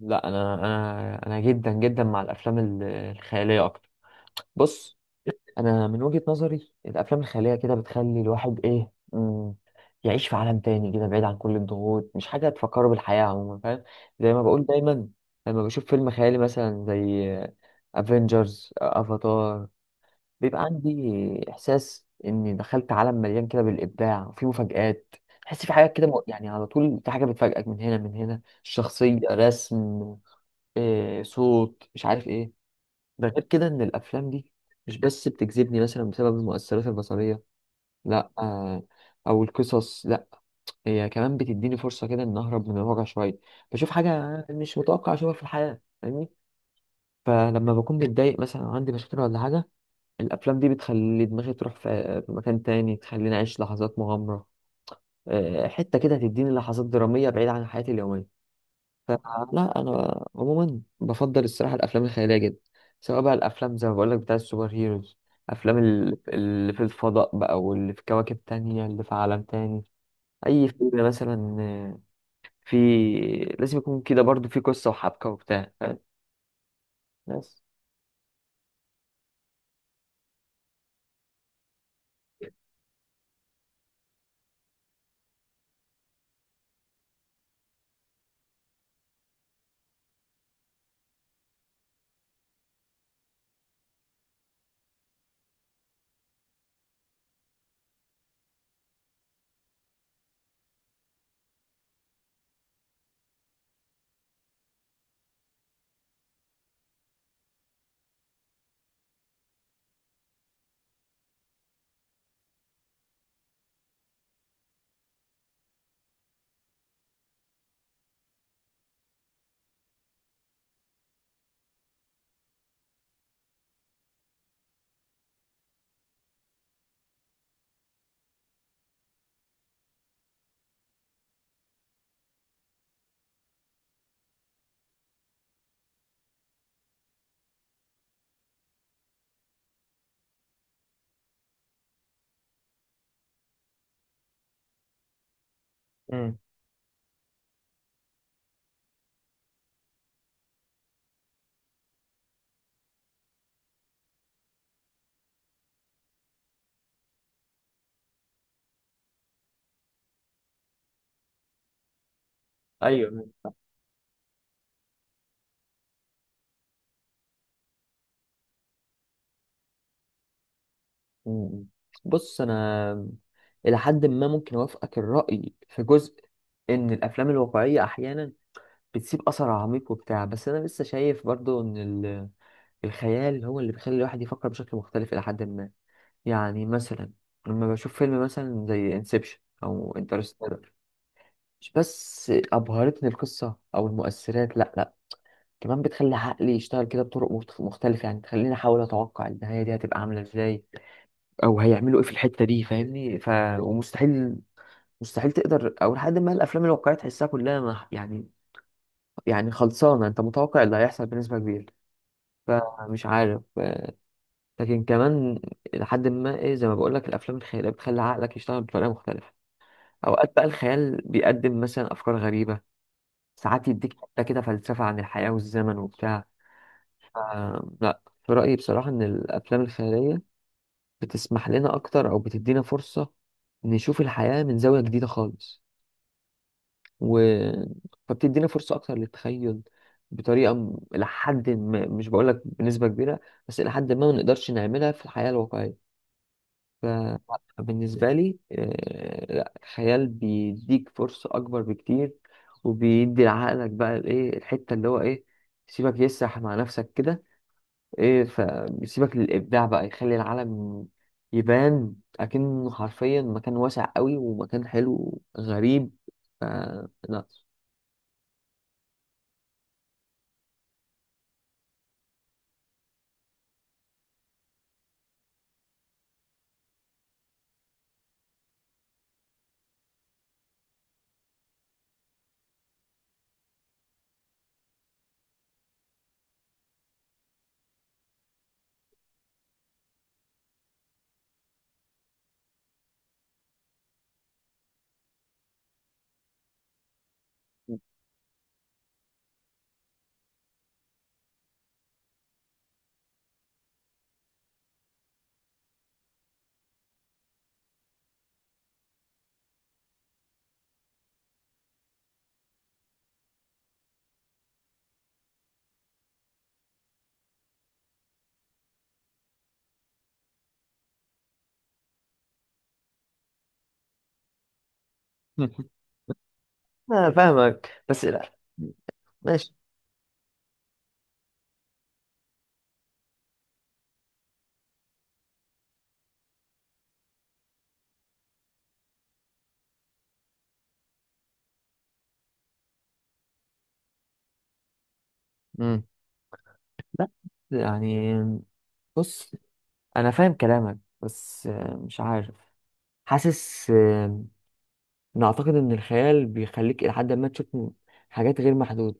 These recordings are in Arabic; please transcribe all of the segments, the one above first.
لا، انا جدا جدا مع الافلام الخياليه اكتر. بص، انا من وجهه نظري الافلام الخياليه كده بتخلي الواحد ايه يعيش في عالم تاني كده بعيد عن كل الضغوط، مش حاجه تفكره بالحياه عموما، فاهم؟ زي ما بقول دايما، لما بشوف فيلم خيالي مثلا زي افنجرز، افاتار، بيبقى عندي احساس اني دخلت عالم مليان كده بالابداع وفيه مفاجآت. تحس في حاجات كده، يعني على طول في حاجه بتفاجئك من هنا، من هنا الشخصيه رسم، إيه، صوت، مش عارف ايه. ده غير كده ان الافلام دي مش بس بتجذبني مثلا بسبب المؤثرات البصريه، لا آه، او القصص، لا، هي كمان بتديني فرصه كده ان اهرب من الواقع شويه، بشوف حاجه مش متوقع اشوفها في الحياه، فاهمني؟ فلما بكون متضايق مثلا أو عندي مشاكل ولا حاجه، الافلام دي بتخلي دماغي تروح في مكان تاني، تخليني اعيش لحظات مغامره، حته كده تديني لحظات دراميه بعيده عن حياتي اليوميه. فلا، انا عموما بفضل الصراحه الافلام الخياليه جدا، سواء بقى الافلام زي ما بقول لك بتاع السوبر هيروز، افلام اللي في الفضاء بقى، واللي في كواكب تانية، اللي في عالم تاني. اي فيلم مثلا في، لازم يكون كده برضو في قصه وحبكه وبتاع، فاهم؟ بس امم، ايوه. م- م. بص، انا الى حد ما ممكن اوافقك الراي في جزء ان الافلام الواقعيه احيانا بتسيب اثر عميق وبتاع، بس انا لسه شايف برضو ان الخيال هو اللي بيخلي الواحد يفكر بشكل مختلف إلى حد ما. يعني مثلا لما بشوف فيلم مثلا زي انسبشن أو انترستيلر، مش بس أبهرتني القصة أو المؤثرات، لأ لأ، كمان بتخلي عقلي يشتغل كده بطرق مختلفة، يعني تخليني أحاول أتوقع النهاية دي هتبقى عاملة إزاي أو هيعملوا إيه في الحتة دي، فاهمني؟ ومستحيل، تقدر أو لحد ما الأفلام الواقعية تحسها كلها يعني، يعني خلصانة، أنت متوقع اللي هيحصل بنسبة كبيرة. فمش عارف، لكن كمان لحد ما ايه، زي ما بقول لك الافلام الخياليه بتخلي عقلك يشتغل بطريقه مختلفه. اوقات بقى الخيال بيقدم مثلا افكار غريبه، ساعات يديك حتى كده فلسفه عن الحياه والزمن وبتاع. ف- لا، في رايي بصراحه ان الافلام الخياليه بتسمح لنا اكتر او بتدينا فرصه نشوف الحياه من زاويه جديده خالص. و... فبتدينا فرصه اكتر للتخيل، بطريقه لحد ما، مش بقول لك بنسبه كبيره، بس لحد ما ما نقدرش نعملها في الحياه الواقعيه. فبالنسبة لي لا، الخيال بيديك فرصة أكبر بكتير، وبيدي لعقلك بقى الإيه، الحتة اللي هو إيه، سيبك يسرح مع نفسك كده، إيه، فبيسيبك للإبداع بقى، يخلي العالم يبان أكنه حرفيا مكان واسع قوي ومكان حلو غريب. ف- لا. أنا فاهمك بس لا، ماشي. مم. لا، يعني، بص، أنا فاهم كلامك بس مش عارف، حاسس انا اعتقد ان الخيال بيخليك الى حد ما تشوف حاجات غير محدوده،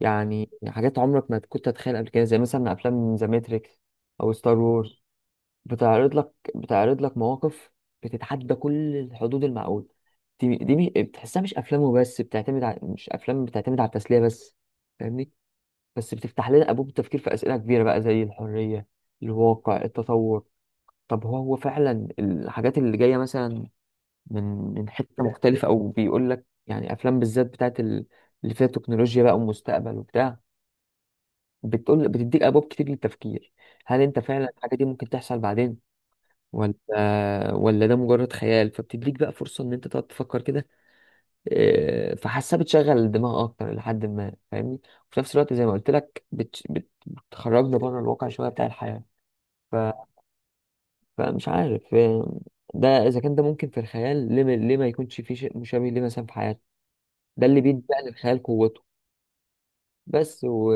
يعني حاجات عمرك ما كنت تتخيل قبل كده، زي مثلا افلام ذا ماتريكس او ستار وورز. بتعرض لك مواقف بتتحدى كل الحدود المعقوله. دي بتحسها مش افلام وبس بتعتمد على، مش افلام بتعتمد على التسليه بس، فاهمني؟ بس بتفتح لنا ابواب التفكير في اسئله كبيره بقى زي الحريه، الواقع، التطور. طب هو فعلا الحاجات اللي جايه مثلا من حتة مختلفة، أو بيقول لك يعني أفلام بالذات بتاعت اللي فيها تكنولوجيا بقى ومستقبل وبتاع، بتقول، بتديك أبواب كتير للتفكير، هل أنت فعلا الحاجة دي ممكن تحصل بعدين ولا، ولا ده مجرد خيال؟ فبتديك بقى فرصة إن أنت تقعد تفكر كده، فحاسة بتشغل الدماغ أكتر لحد ما، فاهمني؟ وفي نفس الوقت زي ما قلت لك بتخرجنا بره الواقع شوية بتاع الحياة. ف... فمش عارف ده إذا كان ده ممكن في الخيال، ليه ما يكونش في شيء مشابه ليه مثلا في حياتنا؟ ده اللي بيدي بقى للخيال قوته. بس و-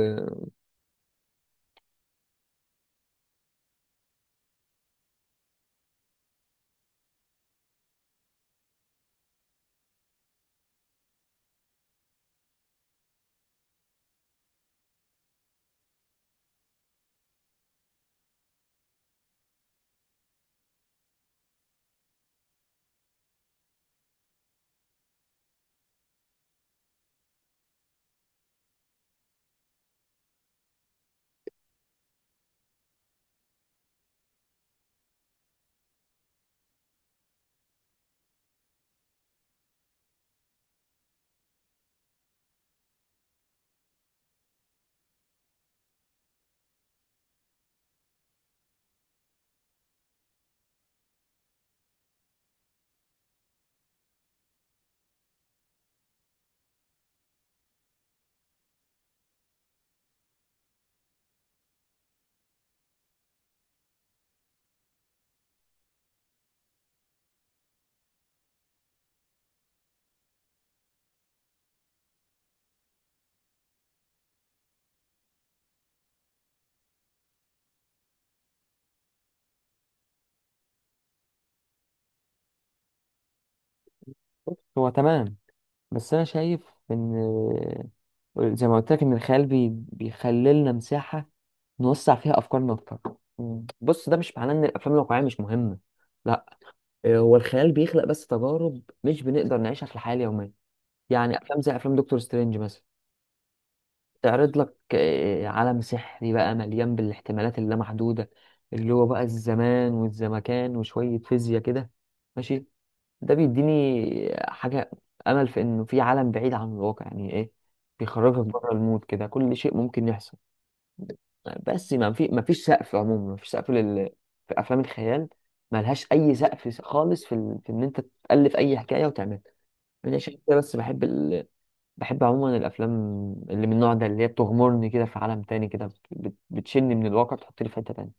هو تمام، بس انا شايف ان، زي ما قلت لك، ان الخيال بيخلي لنا مساحه نوسع فيها افكارنا اكتر. مم. بص، ده مش معناه ان الافلام الواقعيه مش مهمه، لا، هو الخيال بيخلق بس تجارب مش بنقدر نعيشها في الحياه اليوميه. يعني افلام زي افلام دكتور سترينج مثلا، تعرض لك عالم سحري بقى مليان بالاحتمالات اللامحدوده، اللي هو بقى الزمان والزمكان وشويه فيزياء كده. ماشي، ده بيديني حاجة، أمل في إنه في عالم بعيد عن الواقع، يعني إيه، بيخرجك بره المود كده، كل شيء ممكن يحصل. بس ما فيش سقف عموما، ما فيش سقف لل، في أفلام الخيال ملهاش أي سقف خالص في إن أنت تألف أي حكاية وتعملها. أنا عشان كده بس بحب بحب عموما الأفلام اللي من النوع ده، اللي هي بتغمرني كده في عالم تاني كده، بتشني من الواقع، بتحطني في حتة تانية